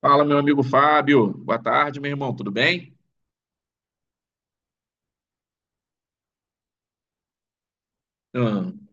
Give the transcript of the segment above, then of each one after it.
Fala, meu amigo Fábio. Boa tarde, meu irmão. Tudo bem? Hum.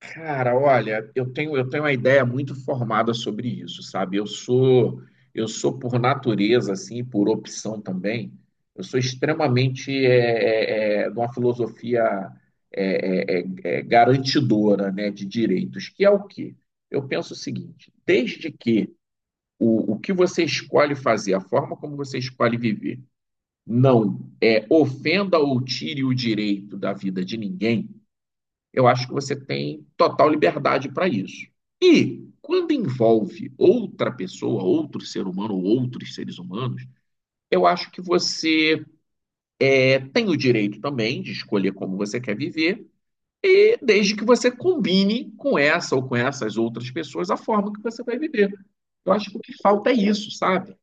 Cara, olha, eu tenho uma ideia muito formada sobre isso, sabe? Eu sou por natureza, assim, por opção também. Eu sou extremamente de uma filosofia garantidora, né, de direitos, que é o quê? Eu penso o seguinte: desde que o que você escolhe fazer, a forma como você escolhe viver não ofenda ou tire o direito da vida de ninguém, eu acho que você tem total liberdade para isso. E quando envolve outra pessoa, outro ser humano ou outros seres humanos, eu acho que você tem o direito também de escolher como você quer viver, e desde que você combine com essa ou com essas outras pessoas a forma que você vai viver. Eu acho que o que falta é isso, sabe?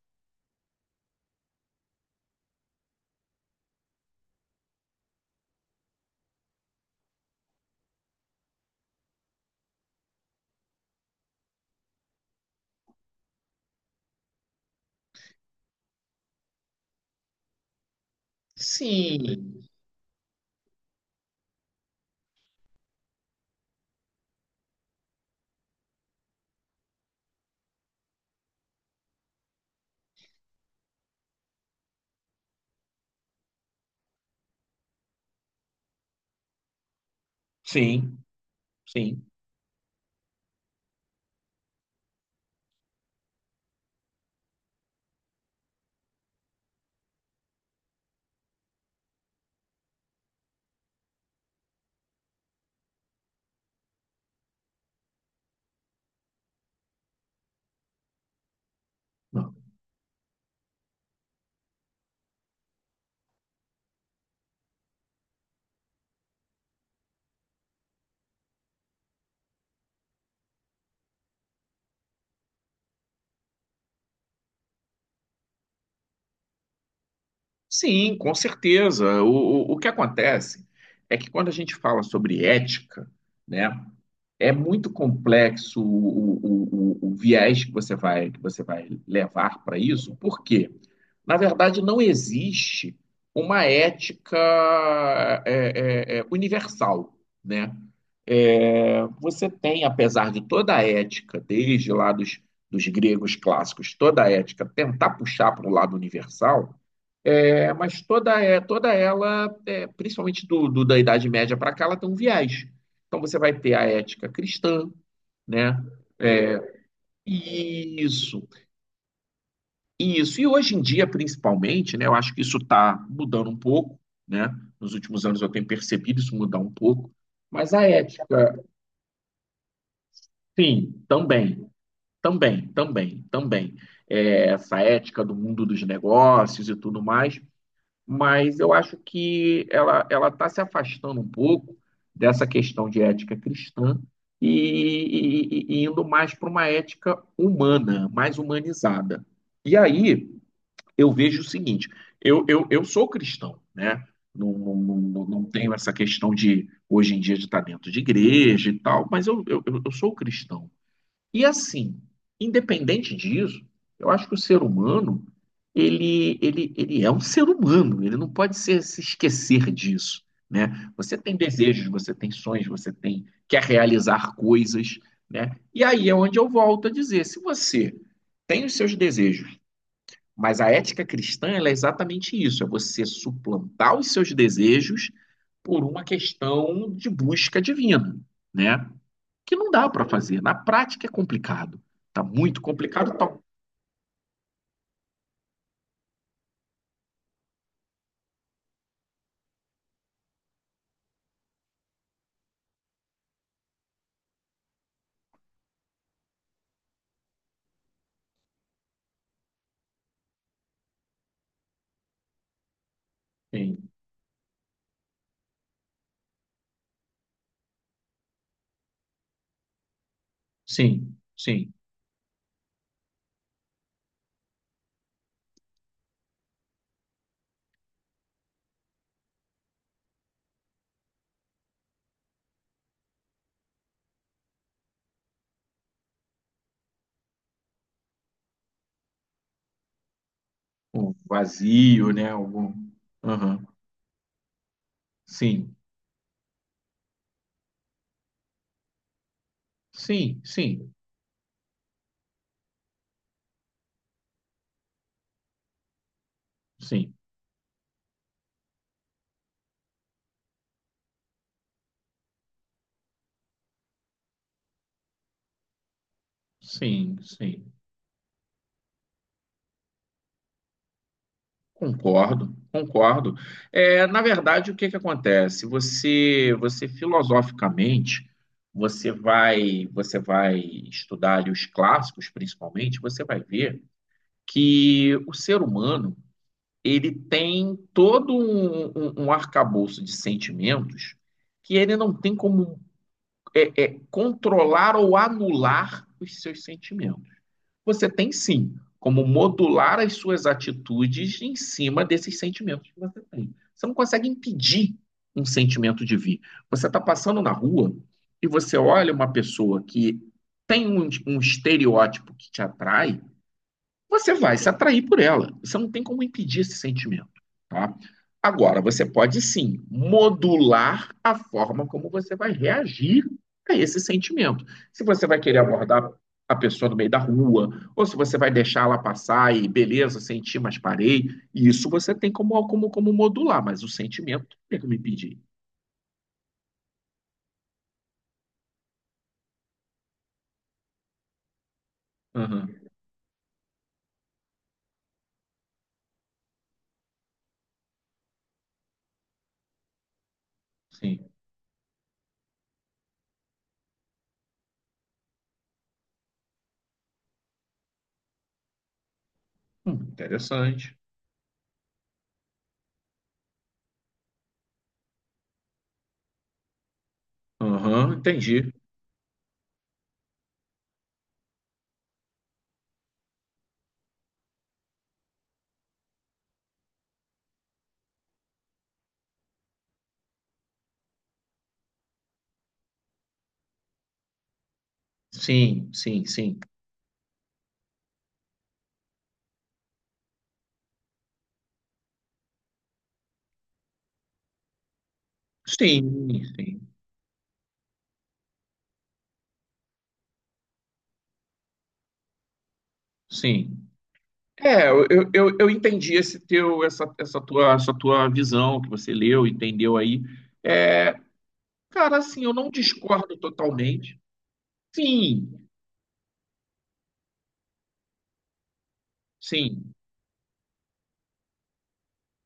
Sim, sim, sim. Não. Sim, com certeza. O que acontece é que quando a gente fala sobre ética, né, é muito complexo o viés que que você vai levar para isso, porque, na verdade, não existe uma ética universal, né? É, você tem, apesar de toda a ética, desde lá dos gregos clássicos, toda a ética tentar puxar para o lado universal, é, mas toda, é, toda ela, é, principalmente da Idade Média para cá, ela tem um viés. Então você vai ter a ética cristã, né? É, isso, isso. E hoje em dia, principalmente, né? Eu acho que isso está mudando um pouco, né? Nos últimos anos eu tenho percebido isso mudar um pouco. Mas a ética, sim, também, também, também, também. É, essa ética do mundo dos negócios e tudo mais. Mas eu acho que ela está se afastando um pouco dessa questão de ética cristã e indo mais para uma ética humana, mais humanizada. E aí eu vejo o seguinte: eu sou cristão, né? Não tenho essa questão de hoje em dia de estar dentro de igreja e tal, mas eu sou cristão. E assim, independente disso, eu acho que o ser humano, ele é um ser humano, ele não pode ser- se esquecer disso, né? Você tem desejos, você tem sonhos, você tem quer realizar coisas, né? E aí é onde eu volto a dizer, se você tem os seus desejos, mas a ética cristã, ela é exatamente isso, é você suplantar os seus desejos por uma questão de busca divina, né? Que não dá para fazer. Na prática é complicado. Tá muito complicado. Tá... Sim, sim, sim. Um vazio, né? Algum... Aham. Sim, sim, sim, sim, sim, sim. Concordo, concordo. É, na verdade, o que que acontece? Você, você filosoficamente, você vai estudar ali os clássicos, principalmente, você vai ver que o ser humano ele tem todo um, um arcabouço de sentimentos que ele não tem como controlar ou anular os seus sentimentos. Você tem sim como modular as suas atitudes em cima desses sentimentos que você tem. Você não consegue impedir um sentimento de vir. Você está passando na rua e você olha uma pessoa que tem um, um estereótipo que te atrai. Você vai se atrair por ela. Você não tem como impedir esse sentimento, tá? Agora, você pode sim modular a forma como você vai reagir a esse sentimento. Se você vai querer abordar a pessoa no meio da rua, ou se você vai deixar ela passar e beleza, senti, mas parei, isso você tem como modular, mas o sentimento não tem como impedir. Aham, sim. Interessante. Aham, entendi. Sim, sim, sim. Sim, sim, sim. É, eu entendi esse teu, essa tua visão que você leu, entendeu aí. É, cara, assim, eu não discordo totalmente. Sim, sim,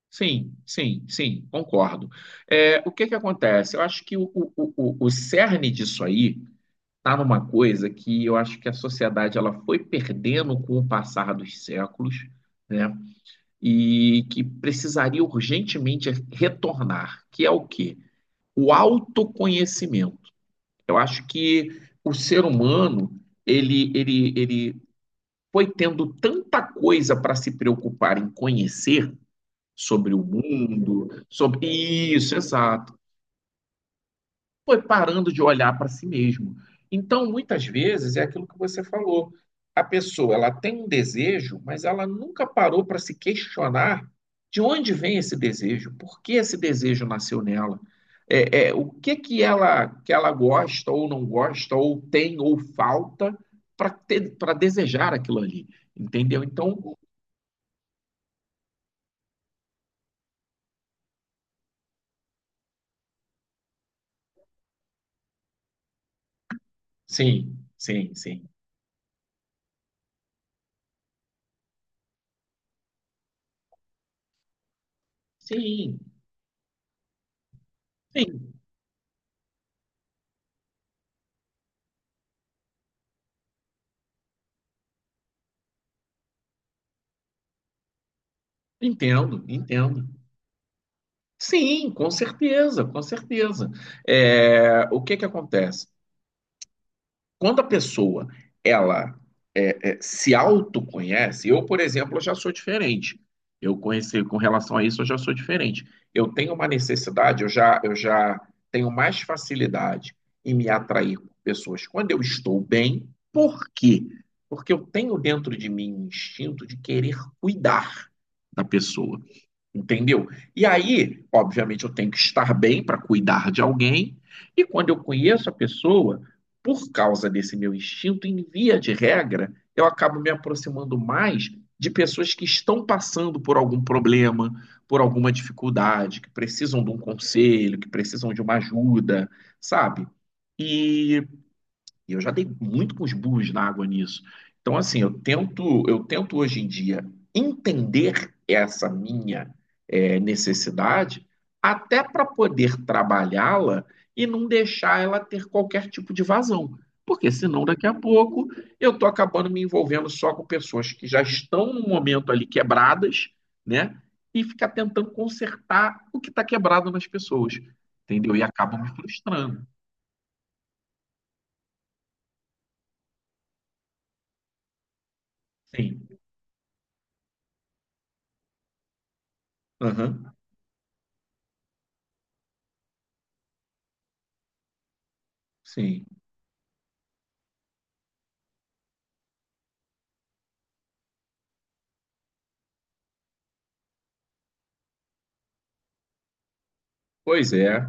sim, sim, sim, concordo. É, o que que acontece? Eu acho que o cerne disso aí tá numa coisa que eu acho que a sociedade ela foi perdendo com o passar dos séculos, né? E que precisaria urgentemente retornar, que é o quê? O autoconhecimento. Eu acho que o ser humano, ele foi tendo tanta coisa para se preocupar em conhecer sobre o mundo, sobre isso, exato, foi parando de olhar para si mesmo. Então, muitas vezes, é aquilo que você falou. A pessoa, ela tem um desejo, mas ela nunca parou para se questionar de onde vem esse desejo, por que esse desejo nasceu nela, o que que ela gosta ou não gosta, ou tem ou falta para desejar aquilo ali, entendeu? Então, sim, sim, sim, sim, sim, entendo, entendo. Sim, com certeza, com certeza. É, o que que acontece? Quando a pessoa ela se autoconhece, eu, por exemplo, eu já sou diferente. Eu conheci com relação a isso, eu já sou diferente. Eu tenho uma necessidade, eu já tenho mais facilidade em me atrair por pessoas quando eu estou bem. Por quê? Porque eu tenho dentro de mim um instinto de querer cuidar da pessoa. Entendeu? E aí, obviamente, eu tenho que estar bem para cuidar de alguém, e quando eu conheço a pessoa, por causa desse meu instinto, em via de regra, eu acabo me aproximando mais de pessoas que estão passando por algum problema, por alguma dificuldade, que precisam de um conselho, que precisam de uma ajuda, sabe? E eu já dei muito com os burros na água nisso. Então, assim, eu tento hoje em dia entender essa minha necessidade até para poder trabalhá-la e não deixar ela ter qualquer tipo de vazão. Porque senão, daqui a pouco, eu estou acabando me envolvendo só com pessoas que já estão no momento ali quebradas, né? E ficar tentando consertar o que está quebrado nas pessoas, entendeu? E acabo me frustrando. Sim. Aham. Sim. Pois é.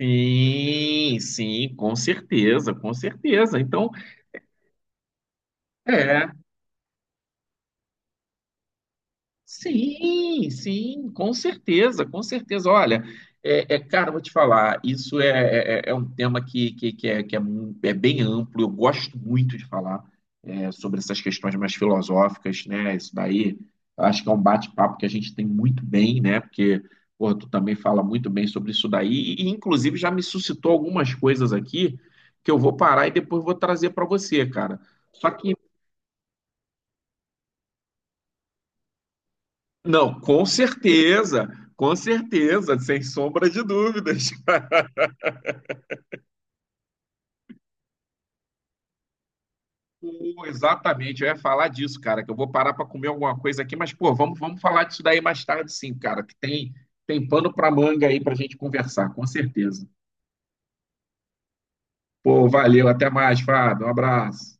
Sim, sim, com certeza, com certeza. Então, é. Sim, sim, com certeza, com certeza. Olha, cara, eu vou te falar, isso é um tema é, que é, mu- é bem amplo, eu gosto muito de falar é, sobre essas questões mais filosóficas, né? Isso daí, eu acho que é um bate-papo que a gente tem muito bem, né? Porque, pô, tu também fala muito bem sobre isso daí, inclusive já me suscitou algumas coisas aqui que eu vou parar e depois vou trazer para você, cara. Só que não, com certeza, sem sombra de dúvidas. Pô, exatamente, eu ia falar disso, cara, que eu vou parar para comer alguma coisa aqui, mas pô, vamos falar disso daí mais tarde, sim, cara, que tem pano para manga aí para gente conversar, com certeza. Pô, valeu, até mais, Fábio, um abraço.